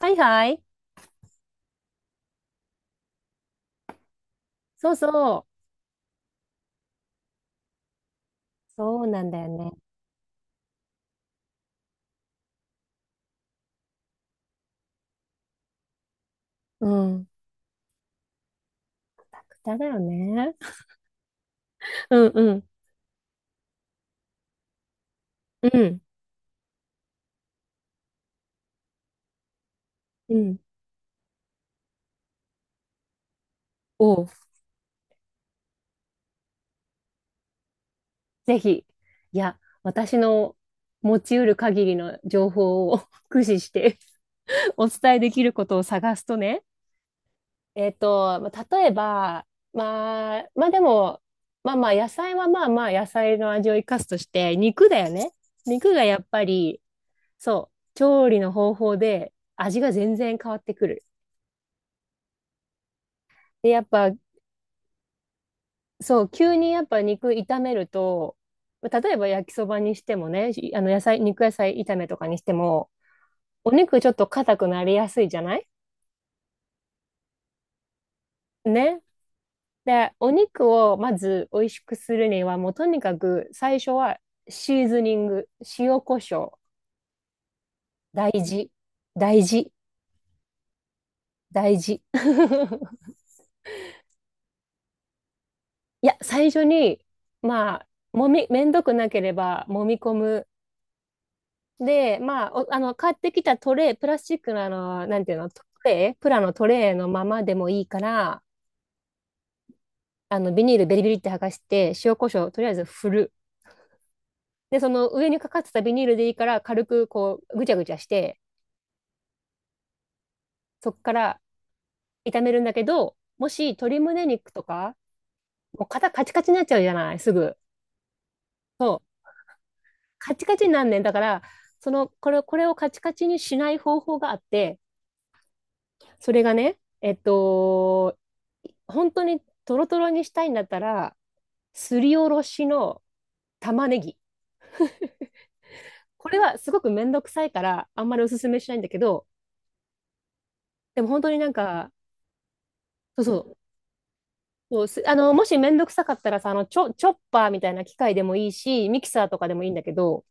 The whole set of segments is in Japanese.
はいはい。そうそう。そうなんだよね。うん。豚だよね。うんうん。うん。うん。おう。ぜひ。いや、私の持ち得る限りの情報を 駆使して お伝えできることを探すとね。まあ例えば、まあ、まあでも、まあまあ野菜はまあまあ野菜の味を生かすとして、肉だよね。肉がやっぱり、そう、調理の方法で味が全然変わってくる。で、やっぱそう、急にやっぱ肉炒めると、例えば焼きそばにしてもね、あの野菜、肉野菜炒めとかにしても、お肉ちょっと硬くなりやすいじゃないね。で、お肉をまず美味しくするには、もうとにかく最初はシーズニング、塩コショウ、大事、大事、大事。いや、最初に、まあ、めんどくなければ、揉み込むで、まあ、あの、買ってきたトレイ、プラスチックのあの、なんていうの、トレイ、プラのトレイのままでもいいから、あの、ビニールベリベリって剥がして、塩コショウとりあえず振る。で、その上にかかってたビニールでいいから、軽くこう、ぐちゃぐちゃして、そっから炒めるんだけど、もし鶏胸肉とか、もう肩カチカチになっちゃうじゃない、すぐ。カチカチになんねん。だから、その、これをカチカチにしない方法があって、それがね、本当にトロトロにしたいんだったら、すりおろしの玉ねぎ。これはすごくめんどくさいから、あんまりおすすめしないんだけど、でも本当になんか、そうそう。そうすあの、もしめんどくさかったらさ、あの、チョッパーみたいな機械でもいいし、ミキサーとかでもいいんだけど、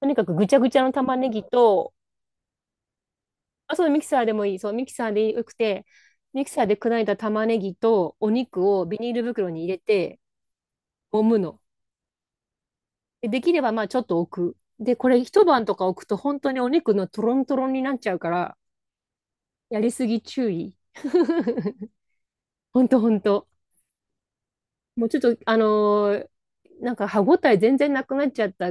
とにかくぐちゃぐちゃの玉ねぎと、あ、そう、ミキサーでもいい。そう、ミキサーでよくて、ミキサーで砕いた玉ねぎとお肉をビニール袋に入れて、揉むの。で、できればまあちょっと置く。で、これ一晩とか置くと本当にお肉のトロントロンになっちゃうから、やりすぎ注意。ほんとほんと。もうちょっと、なんか歯ごたえ全然なくなっちゃった。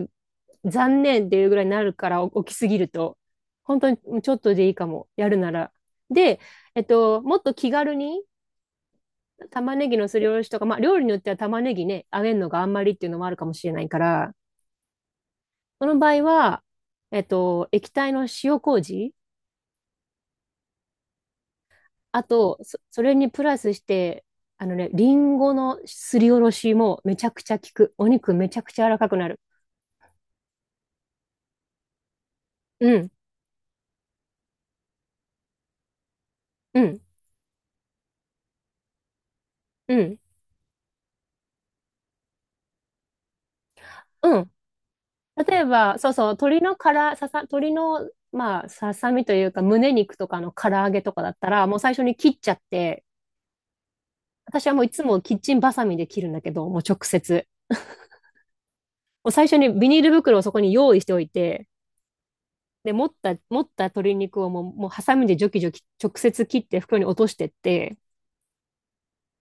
残念っていうぐらいになるから、お起きすぎると。本当にちょっとでいいかも。やるなら。で、もっと気軽に玉ねぎのすりおろしとか、まあ料理によっては玉ねぎね、揚げるのがあんまりっていうのもあるかもしれないから、その場合は、液体の塩麹あと、それにプラスして、あのね、リンゴのすりおろしもめちゃくちゃ効く。お肉めちゃくちゃ柔らかくなる。うん、うん、うん、うん。例えば、そうそう、鶏の、まあ、ささみというか、胸肉とかの唐揚げとかだったら、もう最初に切っちゃって、私はもういつもキッチンバサミで切るんだけど、もう直接。もう最初にビニール袋をそこに用意しておいて、で、持った鶏肉をもうハサミでジョキジョキ直接切って袋に落としてって、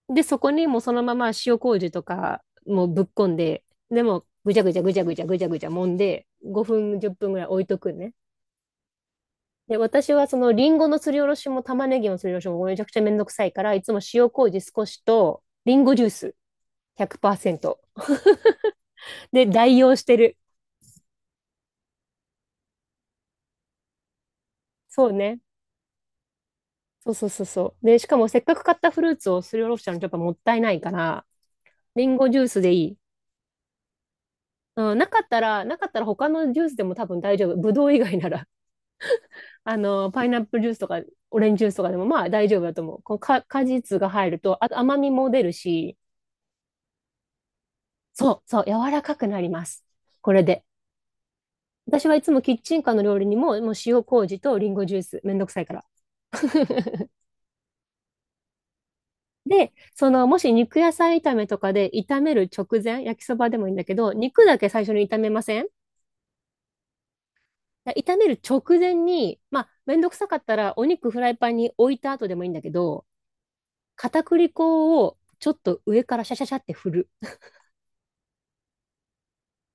で、そこにもうそのまま塩麹とかもうぶっこんで、でもぐちゃぐちゃぐちゃぐちゃぐちゃぐちゃ揉んで、5分、10分ぐらい置いとくんね。で、私はそのリンゴのすりおろしも玉ねぎのすりおろしもめちゃくちゃめんどくさいから、いつも塩麹少しと、リンゴジュース100%。で、代用してる。そうね。そうそうそうそう。で、しかもせっかく買ったフルーツをすりおろしちゃうのちょっともったいないから、リンゴジュースでいい。うん、なかったら他のジュースでも多分大丈夫。ぶどう以外なら。あの、パイナップルジュースとか、オレンジジュースとかでも、まあ大丈夫だと思う。こうか、果実が入ると、あと甘みも出るし、そう、そう、柔らかくなります。これで。私はいつもキッチンカーの料理にも、もう塩麹とリンゴジュース、めんどくさいから。で、その、もし肉野菜炒めとかで炒める直前、焼きそばでもいいんだけど、肉だけ最初に炒めません炒める直前に、まあ、めんどくさかったら、お肉フライパンに置いた後でもいいんだけど、片栗粉をちょっと上からシャシャシャって振る。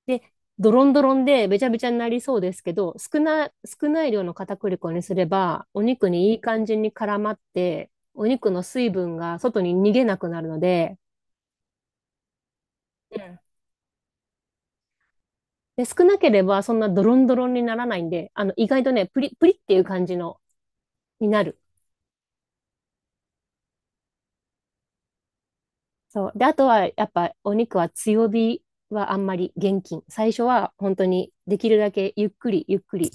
で、ドロンドロンでべちゃべちゃになりそうですけど、少ない量の片栗粉にすれば、お肉にいい感じに絡まって、お肉の水分が外に逃げなくなるので、うんで、少なければそんなドロンドロンにならないんで、あの、意外とね、プリっていう感じの、になる。そう。で、あとは、やっぱお肉は強火はあんまり厳禁。最初は本当にできるだけゆっくりゆっくり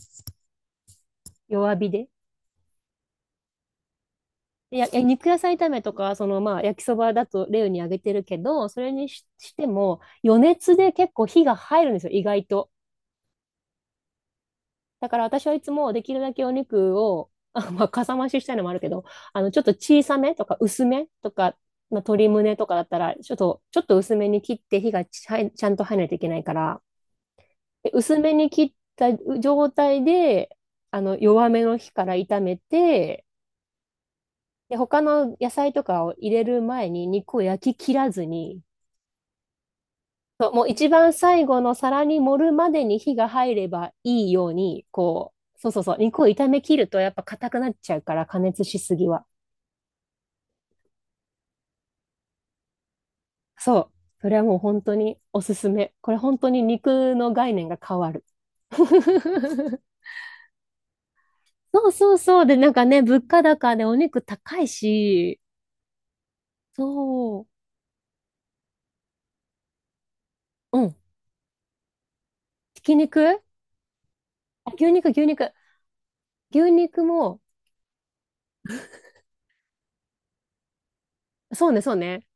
弱火でいや、肉野菜炒めとか、そのまあ焼きそばだと例に挙げてるけど、それにしても余熱で結構火が入るんですよ、意外と。だから私はいつもできるだけお肉を、あ、まあ、かさ増ししたいのもあるけど、あの、ちょっと小さめとか薄めとか、まあ、鶏胸とかだったら、ちょっと薄めに切って火がちゃんと入らないといけないから、で薄めに切った状態で、あの、弱めの火から炒めて、で、他の野菜とかを入れる前に肉を焼き切らずに、そう、もう一番最後の皿に盛るまでに火が入ればいいように、こう、そうそうそう、肉を炒め切るとやっぱ硬くなっちゃうから、加熱しすぎは。そう、それはもう本当におすすめ。これ本当に肉の概念が変わる。そうそうそう。で、なんかね、物価高でお肉高いし、そう、うん、ひき肉あ牛肉、牛肉。牛肉も、そうね、そうね。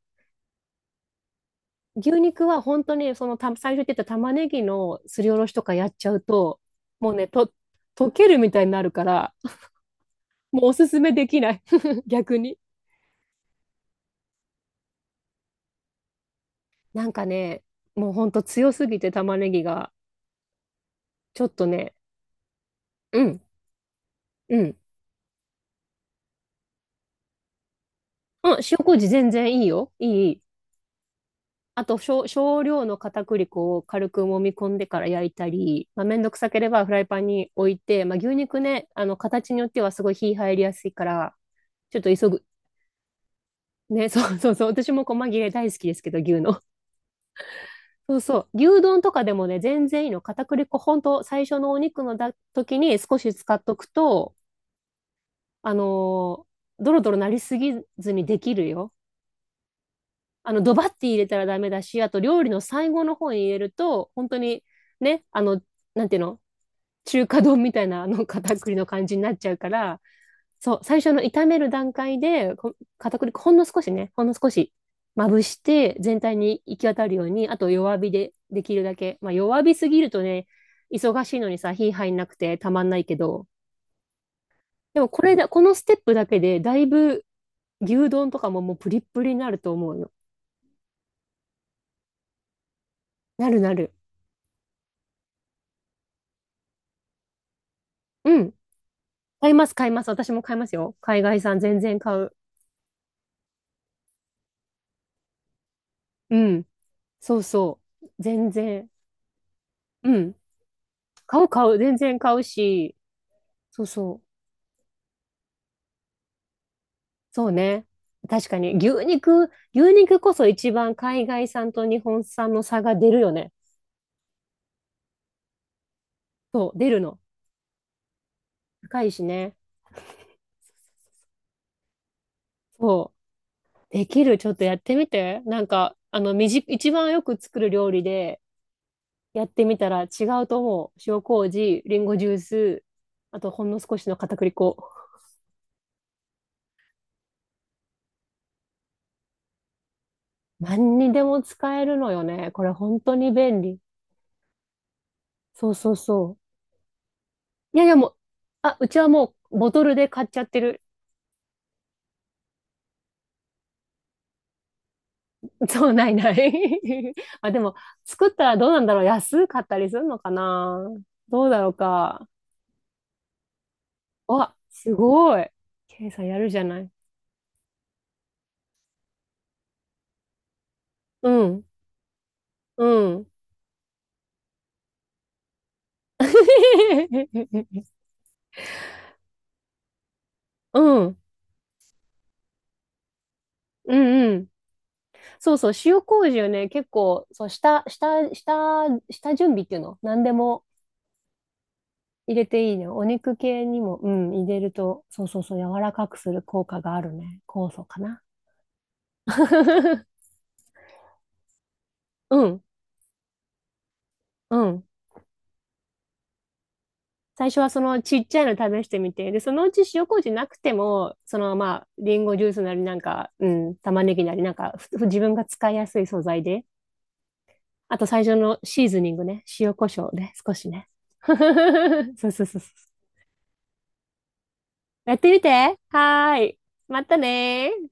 牛肉は本当にそのた最初言ってた玉ねぎのすりおろしとかやっちゃうと、もうね、溶けるみたいになるから、もうおすすめできない 逆に。なんかね、もうほんと強すぎて玉ねぎが、ちょっとね、うん、うん。うん、塩麹全然いいよ。いい、いい。あと少量の片栗粉を軽く揉み込んでから焼いたり、まあ、めんどくさければフライパンに置いて、まあ、牛肉ね、あの、形によってはすごい火入りやすいから、ちょっと急ぐね、そうそうそう。私も細切れ大好きですけど、牛の。そうそう。牛丼とかでもね、全然いいの。片栗粉、ほんと、最初のお肉のだ時に少し使っとくと、あのードロドロなりすぎずにできるよ。あの、ドバッて入れたらダメだし、あと料理の最後の方に入れると、本当に、ね、あの、なんていうの中華丼みたいな、あの、片栗の感じになっちゃうから、そう、最初の炒める段階で、片栗粉ほんの少しね、ほんの少しまぶして、全体に行き渡るように、あと弱火でできるだけ。まあ弱火すぎるとね、忙しいのにさ、火入んなくてたまんないけど、でもこれだ、このステップだけで、だいぶ牛丼とかももうプリップリになると思うよ。なるなる。うん。買います、買います。私も買いますよ。海外産全然買う。うん。そうそう。全然。うん。買う、買う。全然買うし、そうそう。そうね。確かに、牛肉こそ一番海外産と日本産の差が出るよね。そう、出るの。高いしね。そう。できる。ちょっとやってみて。なんか、あの、一番よく作る料理でやってみたら違うと思う。塩麹、リンゴジュース、あとほんの少しの片栗粉。何にでも使えるのよね。これ本当に便利。そうそうそう。いやいやもう、あ、うちはもうボトルで買っちゃってる。そう、ないない あ、でも、作ったらどうなんだろう。安かったりするのかな。どうだろうか。わ、すごい。ケイさんやるじゃない。うん、うん。うん、うん、うん。そうそう、塩麹をね、結構、そう、下準備っていうの何でも入れていいね。お肉系にも、うん、入れると、そうそうそう、柔らかくする効果があるね。酵素かな。うん、うん。最初はそのちっちゃいの試してみて、で、そのうち塩麹なくても、そのまあ、リンゴジュースなりなんか、うん、玉ねぎなりなんか、自分が使いやすい素材で、あと最初のシーズニングね、塩コショウね、少しね。そうそうそうそう。やってみて。はーい。またねー。